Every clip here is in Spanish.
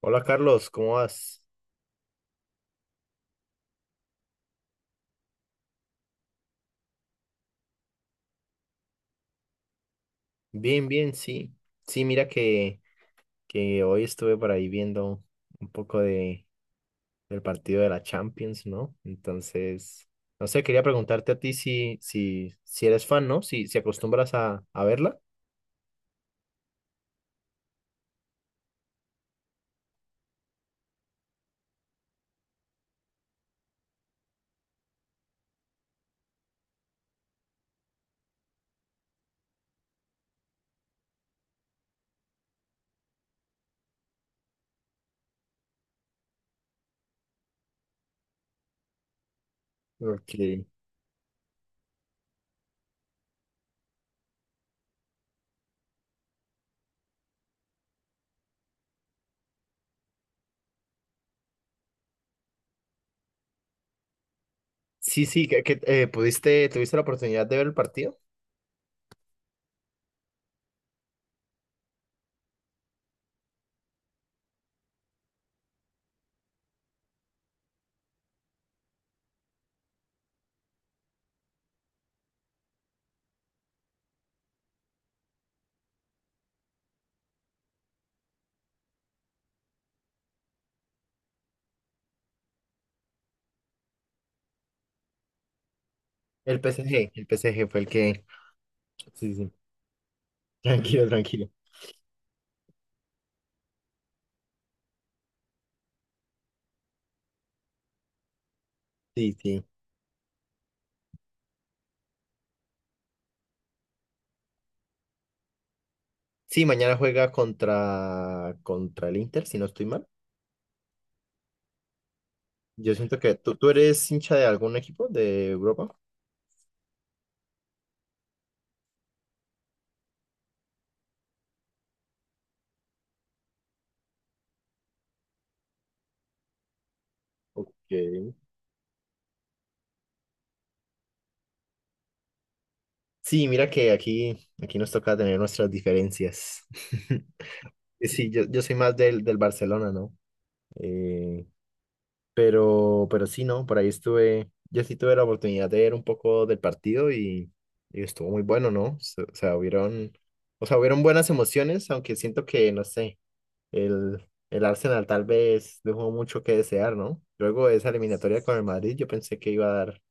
Hola, Carlos, ¿cómo vas? Bien, bien, sí. Sí, mira que hoy estuve por ahí viendo un poco del partido de la Champions, ¿no? Entonces, no sé, quería preguntarte a ti si eres fan, ¿no? Si acostumbras a verla. Porque... Sí, sí, pudiste, ¿tuviste la oportunidad de ver el partido? El PSG, el PSG fue el que. Sí, sí. Tranquilo, tranquilo. Sí, sí. Sí, mañana juega contra el Inter, si no estoy mal. Yo siento que tú eres hincha de algún equipo de Europa. Ok. Sí, mira que aquí nos toca tener nuestras diferencias. Sí, yo soy más del Barcelona, ¿no? Eh, pero sí, no, por ahí estuve, yo sí tuve la oportunidad de ver un poco del partido y estuvo muy bueno, ¿no? O sea, hubieron buenas emociones, aunque siento que, no sé, el, el Arsenal tal vez dejó mucho que desear, ¿no? Luego de esa eliminatoria con el Madrid, yo pensé que iba a dar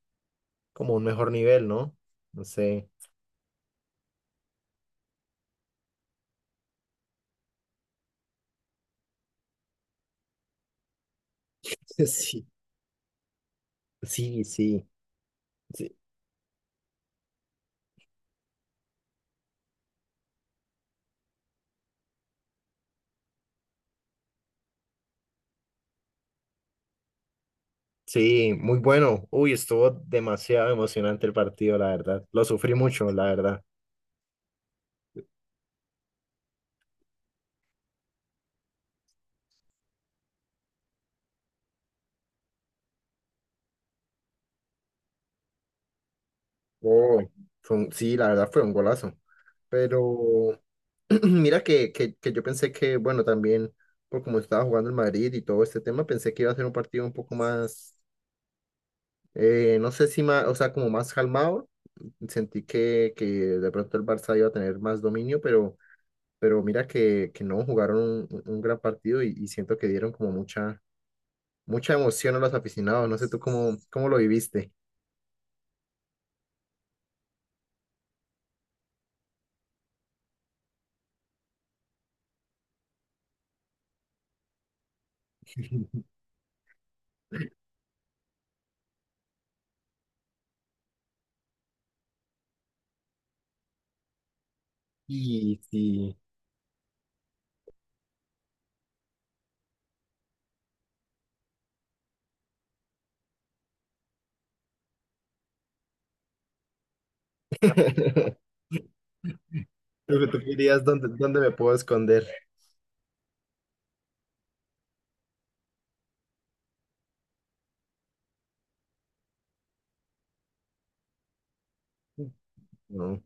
como un mejor nivel, ¿no? No sé. Sí. Sí, sí, sí, sí, muy bueno. Uy, estuvo demasiado emocionante el partido, la verdad. Lo sufrí mucho, la verdad. Oh, sí, la verdad fue un golazo. Pero mira que yo pensé que, bueno, también por como estaba jugando el Madrid y todo este tema, pensé que iba a ser un partido un poco más, no sé si más, o sea, como más calmado. Sentí que de pronto el Barça iba a tener más dominio, pero mira que no, jugaron un, un gran partido y siento que dieron como mucha, mucha emoción a los aficionados. No sé tú cómo, cómo lo viviste. Y sí. Lo que tú querías dónde, dónde me puedo esconder. No,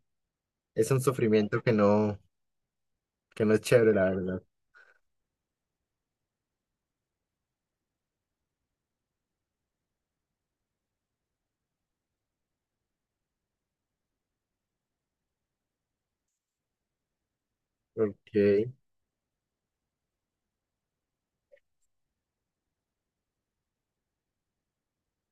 es un sufrimiento que no es chévere, la verdad. Ok.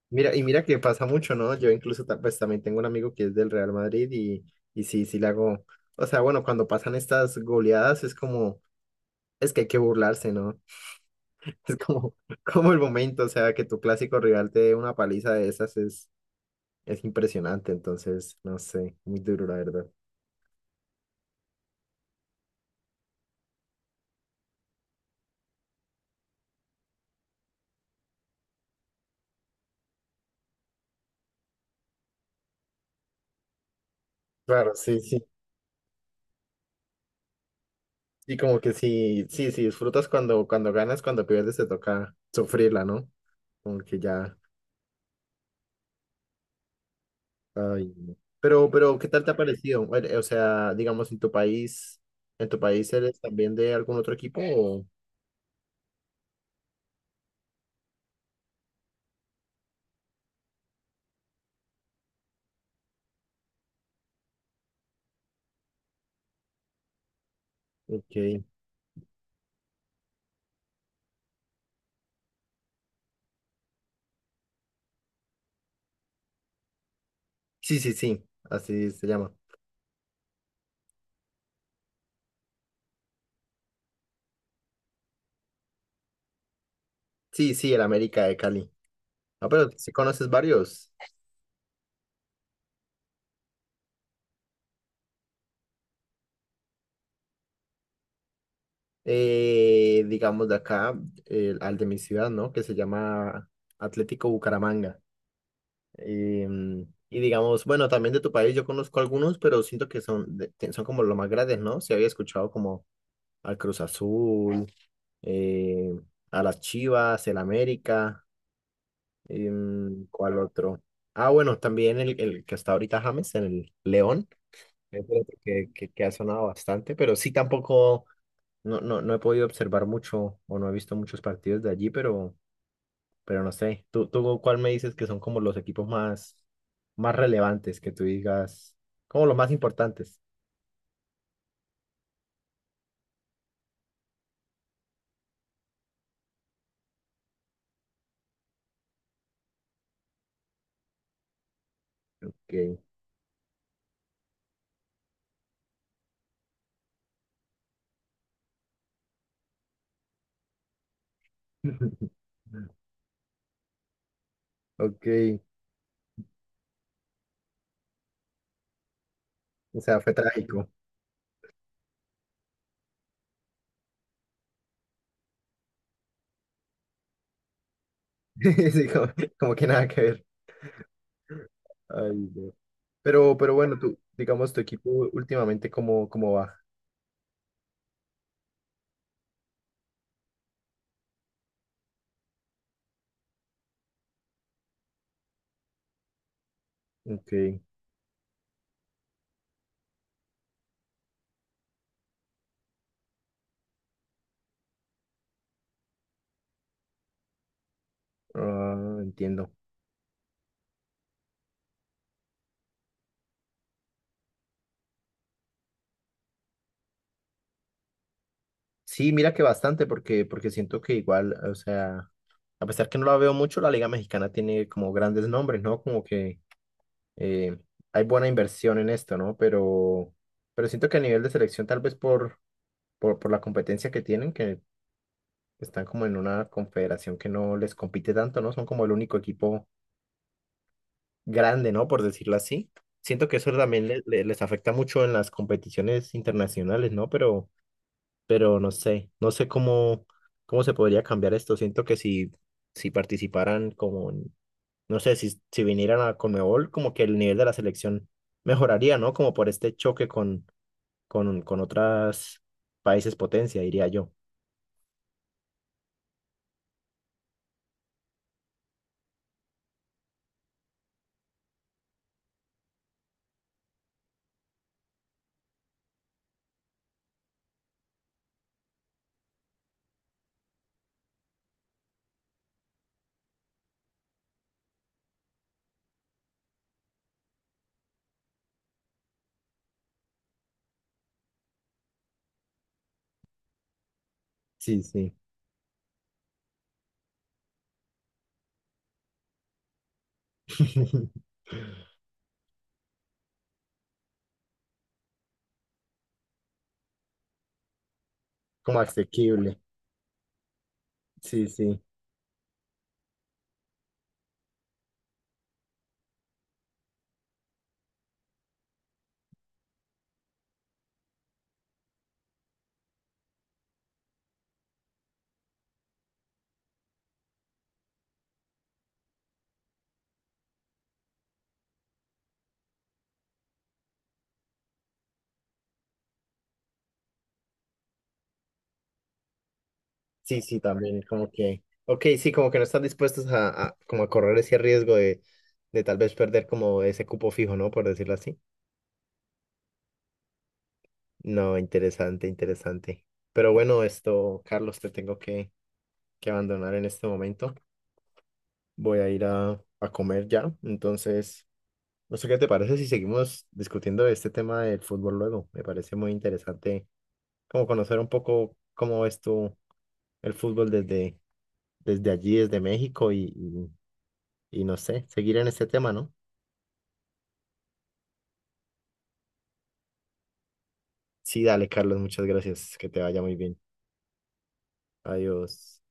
Mira, y mira que pasa mucho, ¿no? Yo incluso pues también tengo un amigo que es del Real Madrid y sí, sí le hago. O sea, bueno, cuando pasan estas goleadas es como, es que hay que burlarse, ¿no? Es como, como el momento, o sea, que tu clásico rival te dé una paliza de esas es impresionante, entonces, no sé, muy duro, la verdad. Claro, sí, sí. Y como que sí, sí, sí, disfrutas cuando, cuando ganas, cuando pierdes te toca sufrirla, ¿no? Como que ya, ay, no. Pero, ¿qué tal te ha parecido? Bueno, o sea, digamos, ¿en tu país eres también de algún otro equipo o? Okay. Sí, sí, sí, así se llama. Sí, sí, el América de Cali. Ah, pero sí conoces varios. Digamos de acá, al de mi ciudad, ¿no? Que se llama Atlético Bucaramanga. Y, mm, y digamos, bueno, también de tu país yo conozco algunos, pero siento que son, son como los más grandes, ¿no? Si había escuchado como al Cruz Azul, eh, a las Chivas, el América, y, mm, ¿cuál otro? Ah, bueno, también el que está ahorita James, el León, es el otro que ha sonado bastante, pero sí tampoco, no, no, no he podido observar mucho o no he visto muchos partidos de allí, pero no sé. ¿Tú cuál me dices que son como los equipos más, más relevantes que tú digas, como los más importantes? Ok. Ok, o sea, fue trágico. Sí, como, como que nada que ver. Ay, no. Pero bueno, tú, digamos, tu equipo últimamente, ¿cómo, cómo va? Ok, ah, entiendo. Sí, mira que bastante, porque, porque siento que igual, o sea, a pesar que no la veo mucho, la Liga Mexicana tiene como grandes nombres, ¿no? Como que eh, hay buena inversión en esto, ¿no? Pero siento que a nivel de selección, tal vez por la competencia que tienen, que están como en una confederación que no les compite tanto, ¿no? Son como el único equipo grande, ¿no? Por decirlo así. Siento que eso también les afecta mucho en las competiciones internacionales, ¿no? Pero no sé, no sé cómo, cómo se podría cambiar esto. Siento que si, si participaran como no sé si, si vinieran a Conmebol, como que el nivel de la selección mejoraría, ¿no? Como por este choque con otras países potencia, diría yo. Sí, sí. Como asequible. Sí, sí. Sí, sí, también, como que. Ok, sí, como que no están dispuestos como a correr ese riesgo de tal vez perder como ese cupo fijo, ¿no? Por decirlo así. No, interesante, interesante. Pero bueno, esto, Carlos, te tengo que abandonar en este momento. Voy a ir a comer ya. Entonces, no sé qué te parece si seguimos discutiendo este tema del fútbol luego. Me parece muy interesante como conocer un poco cómo ves tú el fútbol desde, desde allí, desde México y no sé, seguir en este tema, ¿no? Sí, dale, Carlos, muchas gracias. Que te vaya muy bien. Adiós.